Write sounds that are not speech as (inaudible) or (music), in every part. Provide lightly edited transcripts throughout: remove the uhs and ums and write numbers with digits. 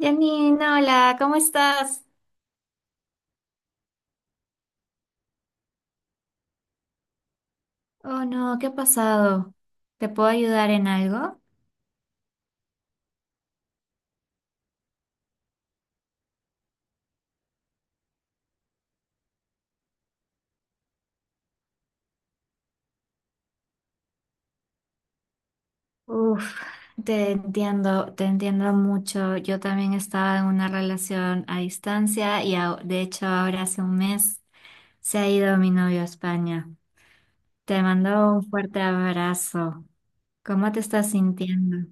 Janine, hola, ¿cómo estás? Oh no, ¿qué ha pasado? ¿Te puedo ayudar en algo? Uf, te entiendo mucho. Yo también estaba en una relación a distancia y de hecho ahora hace un mes se ha ido mi novio a España. Te mando un fuerte abrazo. ¿Cómo te estás sintiendo?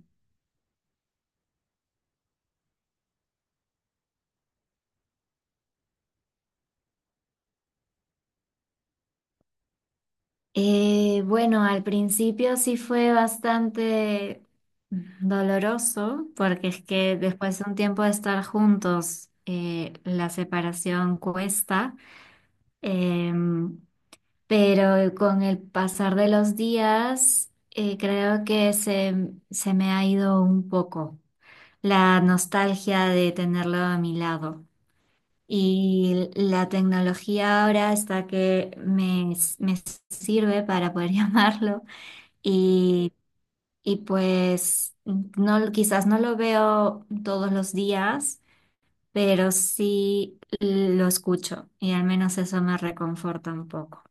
Bueno, al principio sí fue bastante doloroso, porque es que después de un tiempo de estar juntos, la separación cuesta, em, pero con el pasar de los días, creo que se me ha ido un poco la nostalgia de tenerlo a mi lado. Y la tecnología ahora está que me sirve para poder (laughs) llamarlo y, y pues no, quizás no lo veo todos los días, pero sí lo escucho y al menos eso me reconforta un poco.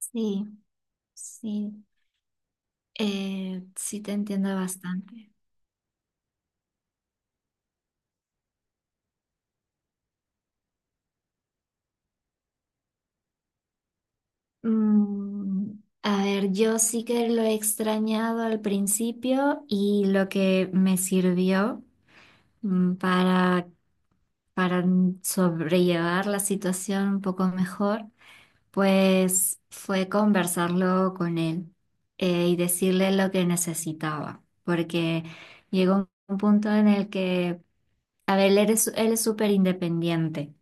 Sí, sí, sí te entiendo bastante. Mm, a ver, yo sí que lo he extrañado al principio y lo que me sirvió mm, para, para sobrellevar la situación un poco mejor. Pues fue conversarlo con él, y decirle lo que necesitaba, porque llegó un punto en el que, a ver, él es súper independiente,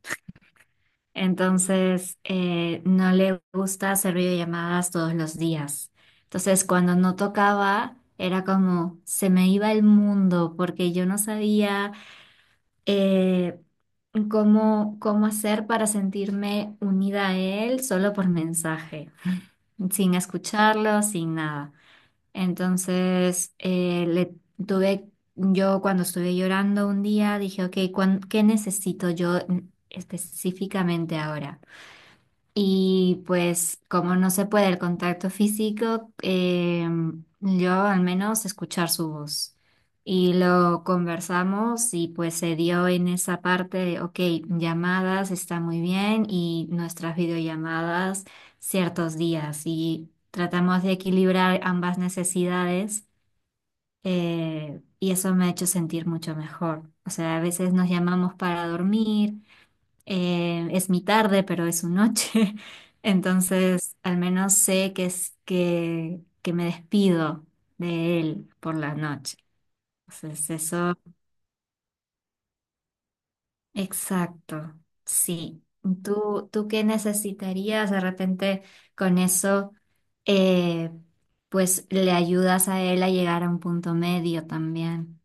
entonces no le gusta hacer videollamadas todos los días. Entonces, cuando no tocaba, era como, se me iba el mundo, porque yo no sabía... eh, cómo hacer para sentirme unida a él solo por mensaje, sin escucharlo, sin nada. Entonces, yo cuando estuve llorando un día, dije, ok, ¿qué necesito yo, específicamente, ahora? Y pues como no se puede el contacto físico, yo al menos escuchar su voz. Y lo conversamos y pues se dio en esa parte de, ok, llamadas está muy bien y nuestras videollamadas ciertos días. Y tratamos de equilibrar ambas necesidades, y eso me ha hecho sentir mucho mejor. O sea, a veces nos llamamos para dormir. Es mi tarde, pero es su noche. (laughs) Entonces, al menos sé que me despido de él por la noche. Entonces, eso, exacto, sí. ¿Tú, tú qué necesitarías de repente con eso? eh, pues le ayudas a él a llegar a un punto medio también.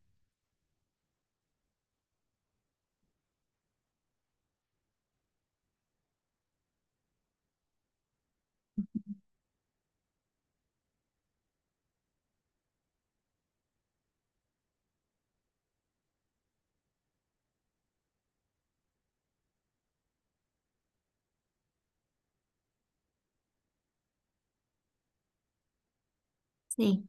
Sí.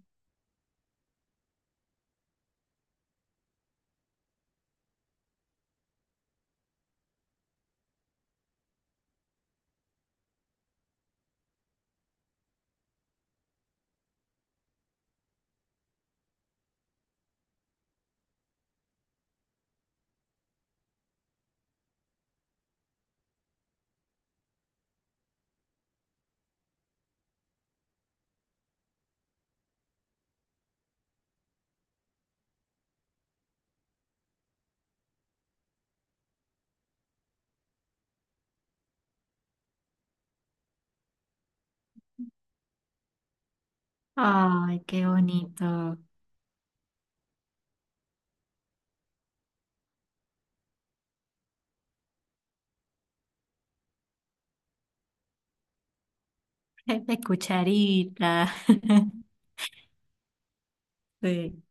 Ay, qué bonito. (laughs) De cucharita. (laughs) Sí.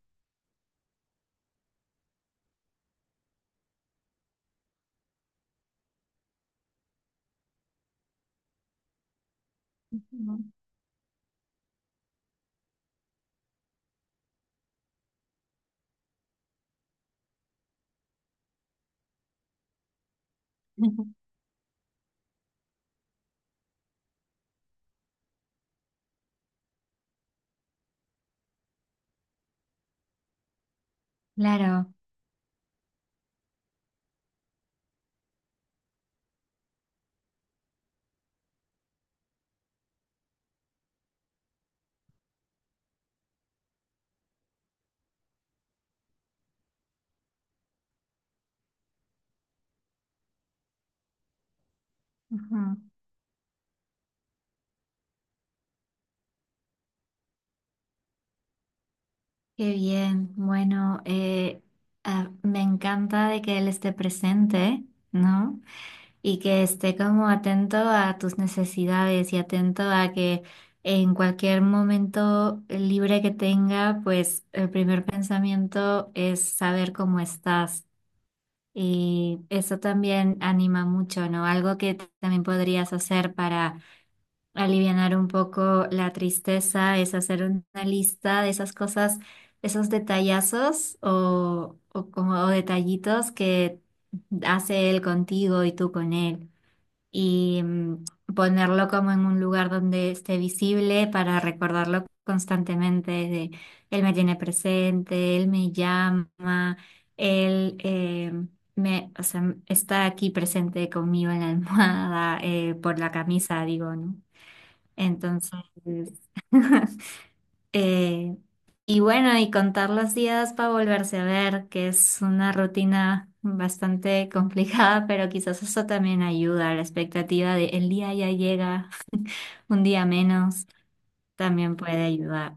Claro, ujú. Qué bien. Bueno, me encanta de que él esté presente, ¿no? Y que esté como atento a tus necesidades y atento a que en cualquier momento libre que tenga, pues el primer pensamiento es saber cómo estás. Y eso también anima mucho, ¿no? Algo que también podrías hacer para alivianar un poco la tristeza es hacer una lista de esas cosas, esos detallazos o como o detallitos que hace él contigo y tú con él. Y ponerlo como en un lugar donde esté visible, para recordarlo constantemente de él me tiene presente, él me llama, él eh, o sea, está aquí presente conmigo en la almohada, por la camisa, digo, ¿no? Entonces, eh, y bueno, y contar los días para volverse a ver, que es una rutina bastante (laughs) complicada, pero quizás eso también ayuda, la expectativa de el día ya llega, (laughs) un día menos, también puede ayudar.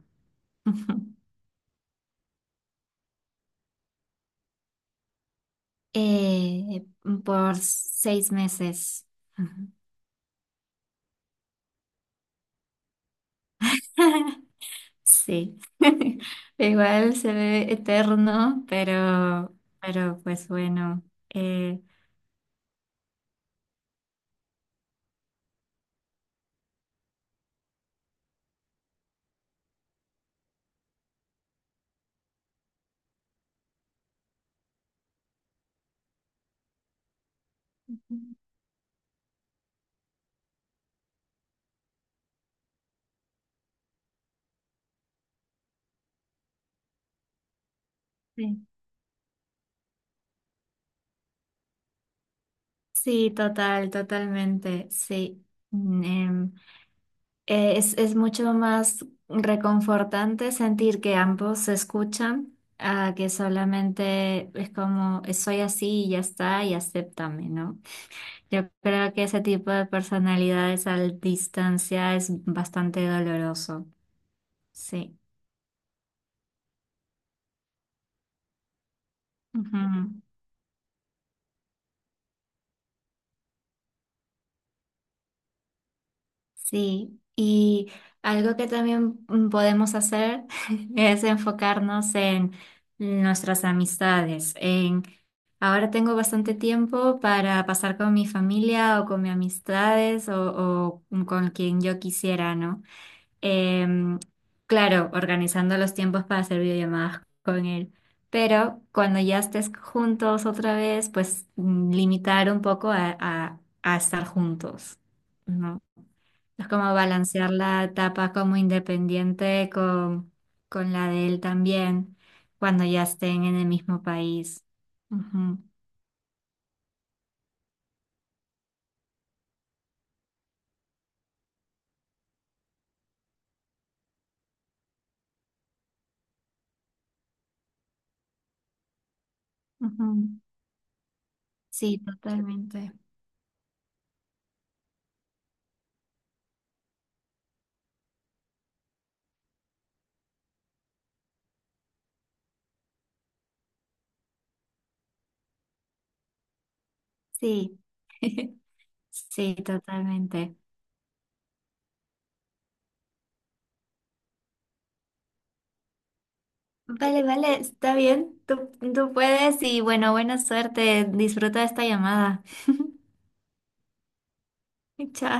(laughs) Eh, por 6 meses. Ujú. (laughs) Sí. (laughs) Igual se ve eterno, pero pues bueno. eh, sí. Sí, total, totalmente, sí. Mm, em, es mucho más reconfortante sentir que ambos se escuchan, a que solamente es como soy así y ya está y acéptame", ¿no? Yo creo que ese tipo de personalidades a distancia es bastante doloroso, sí. Sí, y algo que también, podemos hacer (laughs) es enfocarnos en nuestras amistades, en ahora tengo bastante tiempo para pasar con mi familia o con mis amistades o con quien yo quisiera, ¿no? Em, claro, organizando los tiempos para hacer videollamadas con él, pero cuando ya estés juntos otra vez, pues limitar un poco a a estar juntos, ¿no? Es como balancear la etapa como independiente con la de él también, cuando ya estén en el mismo país. Ujú, ujú. Sí, totalmente. Sí, (laughs) sí, totalmente. Vale, vale, está bien. Tú puedes y bueno, buena suerte. Disfruta de esta llamada. (laughs) Chao.